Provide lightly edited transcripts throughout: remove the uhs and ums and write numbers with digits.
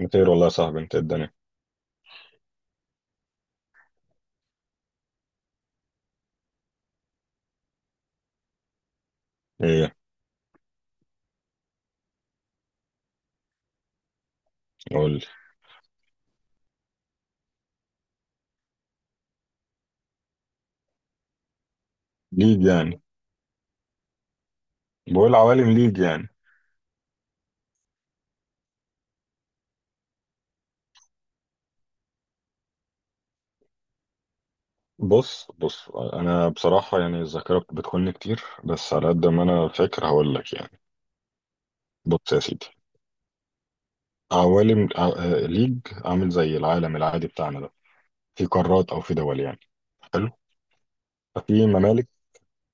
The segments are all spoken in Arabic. مطير والله يا صاحبي انت الدنيا. ايه؟ قول لي. ليج يعني؟ بقول عوالم ليج يعني. بص انا بصراحة يعني الذاكرة بتخوني كتير، بس على قد ما انا فاكر هقول لك يعني. بص يا سيدي، عوالم ليج عامل زي العالم العادي بتاعنا ده. في قارات او في دول يعني. حلو. ففي ممالك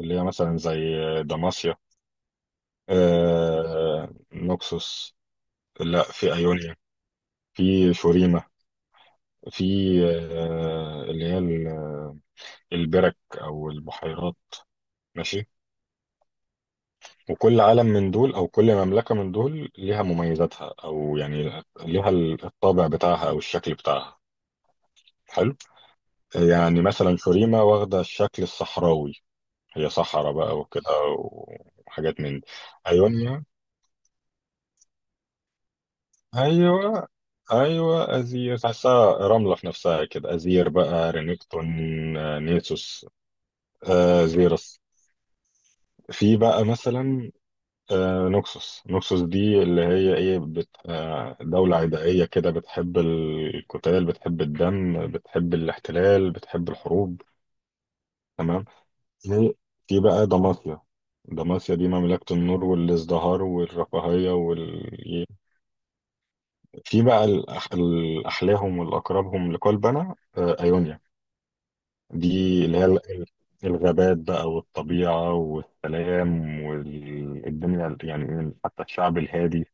اللي هي مثلا زي دماسيا، آه نوكسوس، لا، في ايونيا، في شوريما، في آه آه، اللي هي ال- آه، البرك او البحيرات. ماشي. وكل عالم من دول او كل مملكة من دول ليها مميزاتها او يعني ليها الطابع بتاعها او الشكل بتاعها. حلو. يعني مثلا شوريما واخدة الشكل الصحراوي، هي صحراء بقى وكده وحاجات من دي. أيونيا. أيوة. أيوة، أزير تحسها رملة في نفسها كده، أزير بقى، رينكتون، نيسوس، زيرس. في بقى مثلا نوكسوس. نوكسوس دي اللي هي ايه بت... آه، دولة عدائية كده، بتحب القتال، بتحب الدم، بتحب الاحتلال، بتحب الحروب. تمام. في في بقى دماسيا. دماسيا دي مملكة النور والازدهار والرفاهية في بقى الأحلاهم والأقربهم لقلبنا، أيونيا. دي اللي هي الغابات بقى والطبيعة والسلام والدنيا، يعني حتى الشعب الهادي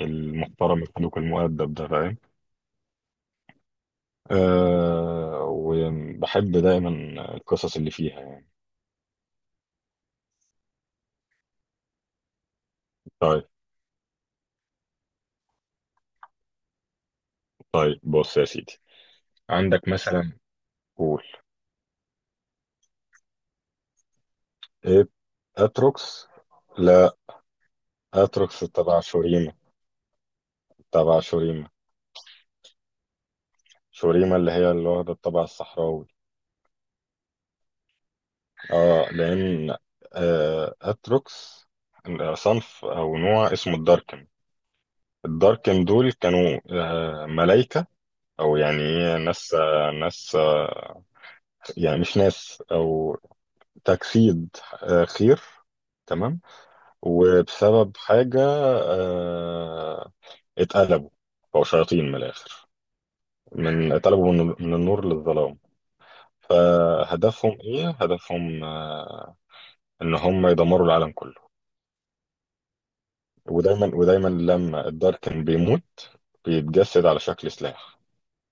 المحترم الخلوق المؤدب ده، فاهم. أه، وبحب دايما القصص اللي فيها يعني. طيب. طيب بص يا سيدي، عندك مثلا. قول. ايه؟ اتروكس؟ لا، اتروكس تبع شوريما، تبع شوريما. شوريما اللي هي اللي واخدة الطابع الصحراوي. اه، لان اتروكس صنف او نوع اسمه الداركن. الداركن دول كانوا ملايكة، او يعني إيه، ناس، يعني مش ناس، او تجسيد، خير. تمام. وبسبب حاجة آه، اتقلبوا، بقوا شياطين من الآخر. من اتقلبوا من النور للظلام. فهدفهم ايه؟ هدفهم ان هم يدمروا العالم كله. ودايما ودايما لما الداركن بيموت بيتجسد على شكل سلاح،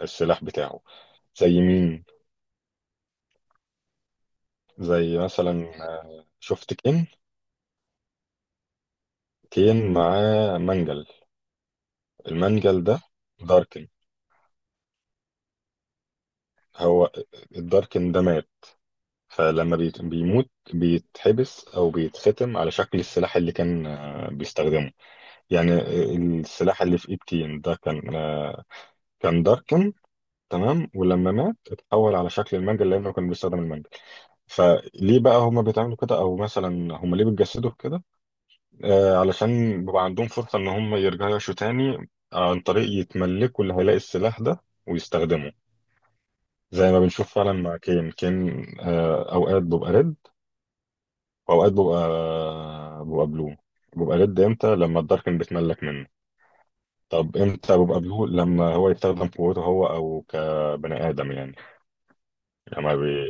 السلاح بتاعه. زي مين؟ زي مثلا شفت كين؟ كين معاه منجل. المنجل ده داركن. هو الداركن ده مات، فلما بيموت بيتحبس او بيتختم على شكل السلاح اللي كان بيستخدمه يعني. السلاح اللي في ايد كين ده كان كان داركن. تمام، ولما مات اتحول على شكل المنجل لانه كان بيستخدم المنجل. فليه بقى هما بيتعملوا كده، او مثلا هما ليه بيتجسدوا في كده؟ آه، علشان بيبقى عندهم فرصة ان هما يرجعوا يعيشوا تاني عن طريق يتملكوا اللي هيلاقي السلاح ده ويستخدمه. زي ما بنشوف فعلا مع كين. كين اوقات بيبقى ريد واوقات ببقى بلو. ببقى ريد امتى؟ لما الداركن بتملك منه. طب امتى ببقى بلو؟ لما هو يستخدم قوته هو، او كبني ادم يعني. لما بي...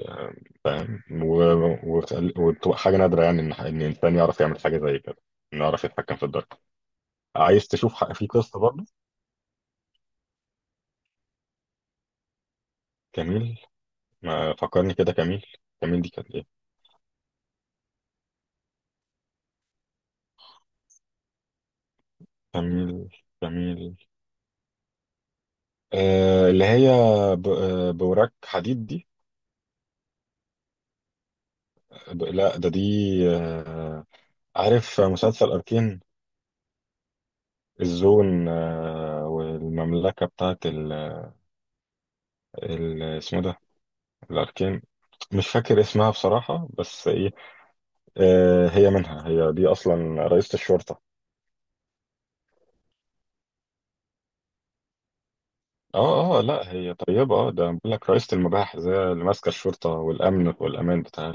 فاهم و... و... وبتبقى حاجه نادره يعني ان ان انسان يعرف يعمل حاجه زي كده، انه يعرف يتحكم في الدارك. عايز تشوف في قصه برضه؟ كميل، ما فكرني كده كميل. كميل دي كانت ايه؟ كميل كميل اللي هي ب... آه، بوراك حديد دي. لا، ده دي. آه، عارف مسلسل أركين؟ الزون والمملكة بتاعت اسمه ده، الأركين. مش فاكر اسمها بصراحة، بس إيه، هي منها، هي دي أصلا رئيسة الشرطة. اه لا، هي طيبة، اه، ده بقول لك رئيسة المباحث، هي اللي ماسكة الشرطة والأمن والأمان بتاع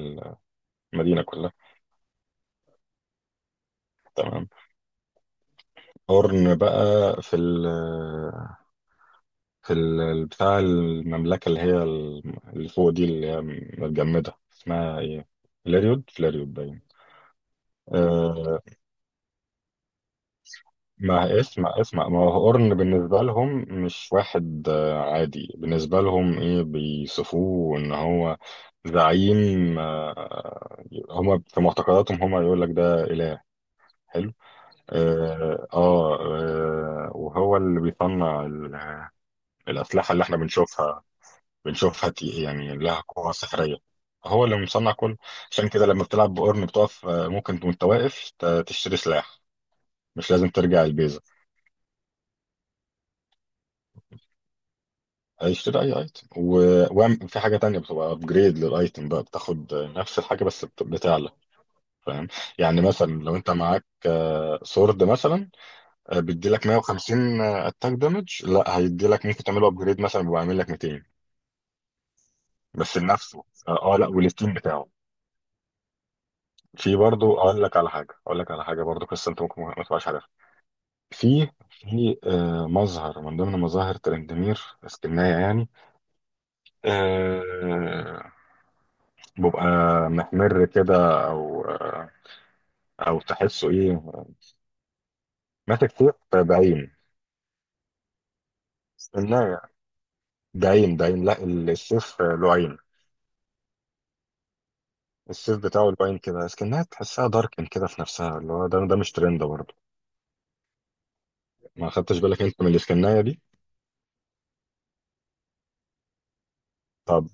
المدينة كلها. تمام. هورن بقى. في ال في ال بتاع المملكة اللي هي اللي فوق دي اللي هي متجمدة، اسمها ايه؟ فلاريود، فلاريود باين. آه، ما اسمع اسمع، ما هو قرن بالنسبة لهم مش واحد عادي بالنسبة لهم، ايه، بيصفوه ان هو زعيم هما في معتقداتهم، هما يقول لك ده إله. حلو. اه، وهو اللي بيصنع الأسلحة اللي احنا بنشوفها. يعني لها قوة سحرية. هو اللي مصنع كل. عشان كده لما بتلعب بقرن بتقف ممكن وانت واقف تشتري سلاح، مش لازم ترجع البيز. هيشتري اي ايتم، وفي حاجه تانية بتبقى ابجريد للايتم بقى، بتاخد نفس الحاجه بس بتعلى. فاهم. يعني مثلا لو انت معاك سورد مثلا بيديلك 150 اتاك دامج، لا هيديلك ممكن تعمله ابجريد مثلا بيبقى عامل لك 200. بس لنفسه؟ اه، لا، وللتيم بتاعه. في برضه اقول لك على حاجه، اقول لك على حاجه برضه، قصه انت ممكن ما تبقاش عارفها. في مظهر من ضمن مظاهر ترندمير، اسكنايه يعني آه، بيبقى محمر كده، او تحسه ايه، ماسك سيف بعين. اسكنها بعين لا، السيف له عين. السيف بتاعه له عين كده، اسكنها تحسها داركن كده في نفسها، اللي هو ده مش ترند برضه؟ ما خدتش بالك انت من الاسكنايه دي؟ طب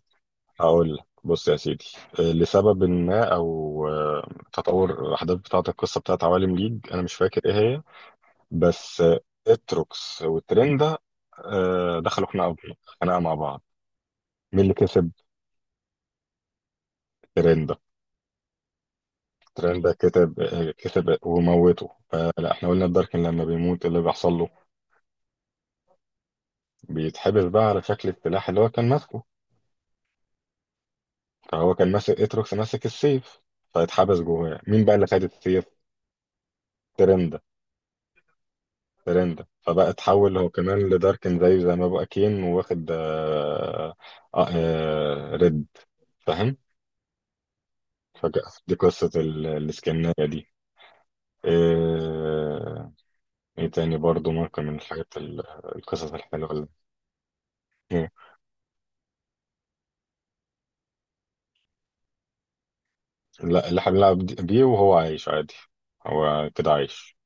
هقول لك، بص يا سيدي، لسبب ما او تطور الاحداث بتاعه القصه بتاعه عوالم ليج، انا مش فاكر ايه هي، بس اتروكس والترند ده دخلوا خناقه، خناقه مع بعض. مين اللي كسب؟ ترند. ترند كتب كتب وموته. فلا احنا قلنا الداركن لما بيموت إيه اللي بيحصل له، بيتحبس بقى على شكل السلاح اللي هو كان ماسكه. فهو كان ماسك، اتروكس ماسك السيف، فاتحبس جواه. مين بقى اللي خد السيف؟ ترند. ترند فبقى اتحول هو كمان لداركن، زيه زي ما بقى كين واخد آه ريد. فاهم. فجأة دي قصة الاسكناية دي. آه، ايه تاني برضو ممكن من الحاجات القصص الحلوة. لا، اللي هنلعب بيه وهو عايش عادي، هو كده عايش.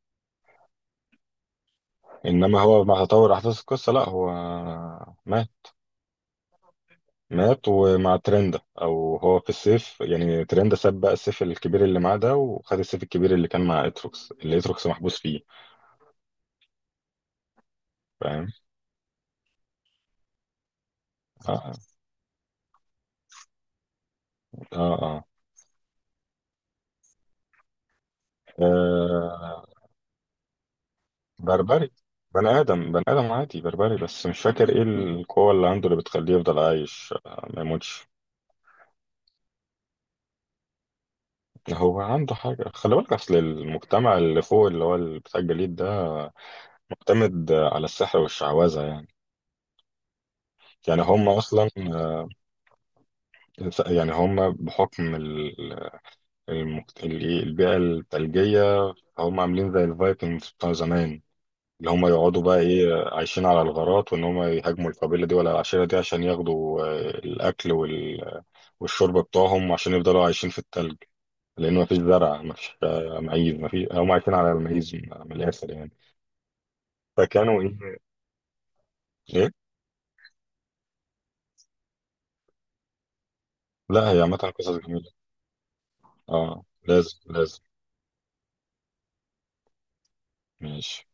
انما هو مع تطور احداث القصه لا، هو مات. مات، ومع ترند، او هو في السيف يعني، ترند ساب بقى السيف الكبير اللي معاه ده وخد السيف الكبير اللي كان مع اتروكس، اللي اتروكس محبوس فيه. فاهم. اه، اه, آه. آه آه، بربري. بني ادم، بني ادم عادي بربري، بس مش فاكر ايه القوه اللي عنده اللي بتخليه يفضل عايش ما يموتش. هو عنده حاجة، خلي بالك أصل المجتمع اللي فوق اللي هو اللي بتاع الجليد ده معتمد على السحر والشعوذة يعني. يعني هم أصلا يعني هم بحكم ال- المجت- ال- إيه، البيئة الثلجية، هم عاملين زي الفايكنجز بتاع زمان، اللي هم يقعدوا بقى إيه عايشين على الغارات، وإن هم يهاجموا القبيلة دي ولا العشيرة دي عشان ياخدوا الأكل والشرب بتوعهم عشان يفضلوا عايشين في الثلج. لأن مفيش زرع، مفيش معيز، مفيش، هم عايشين على المعيز من الآخر يعني. فكانوا ايه. ايه. لا هي عامة قصص جميلة. اه لازم لازم. ماشي.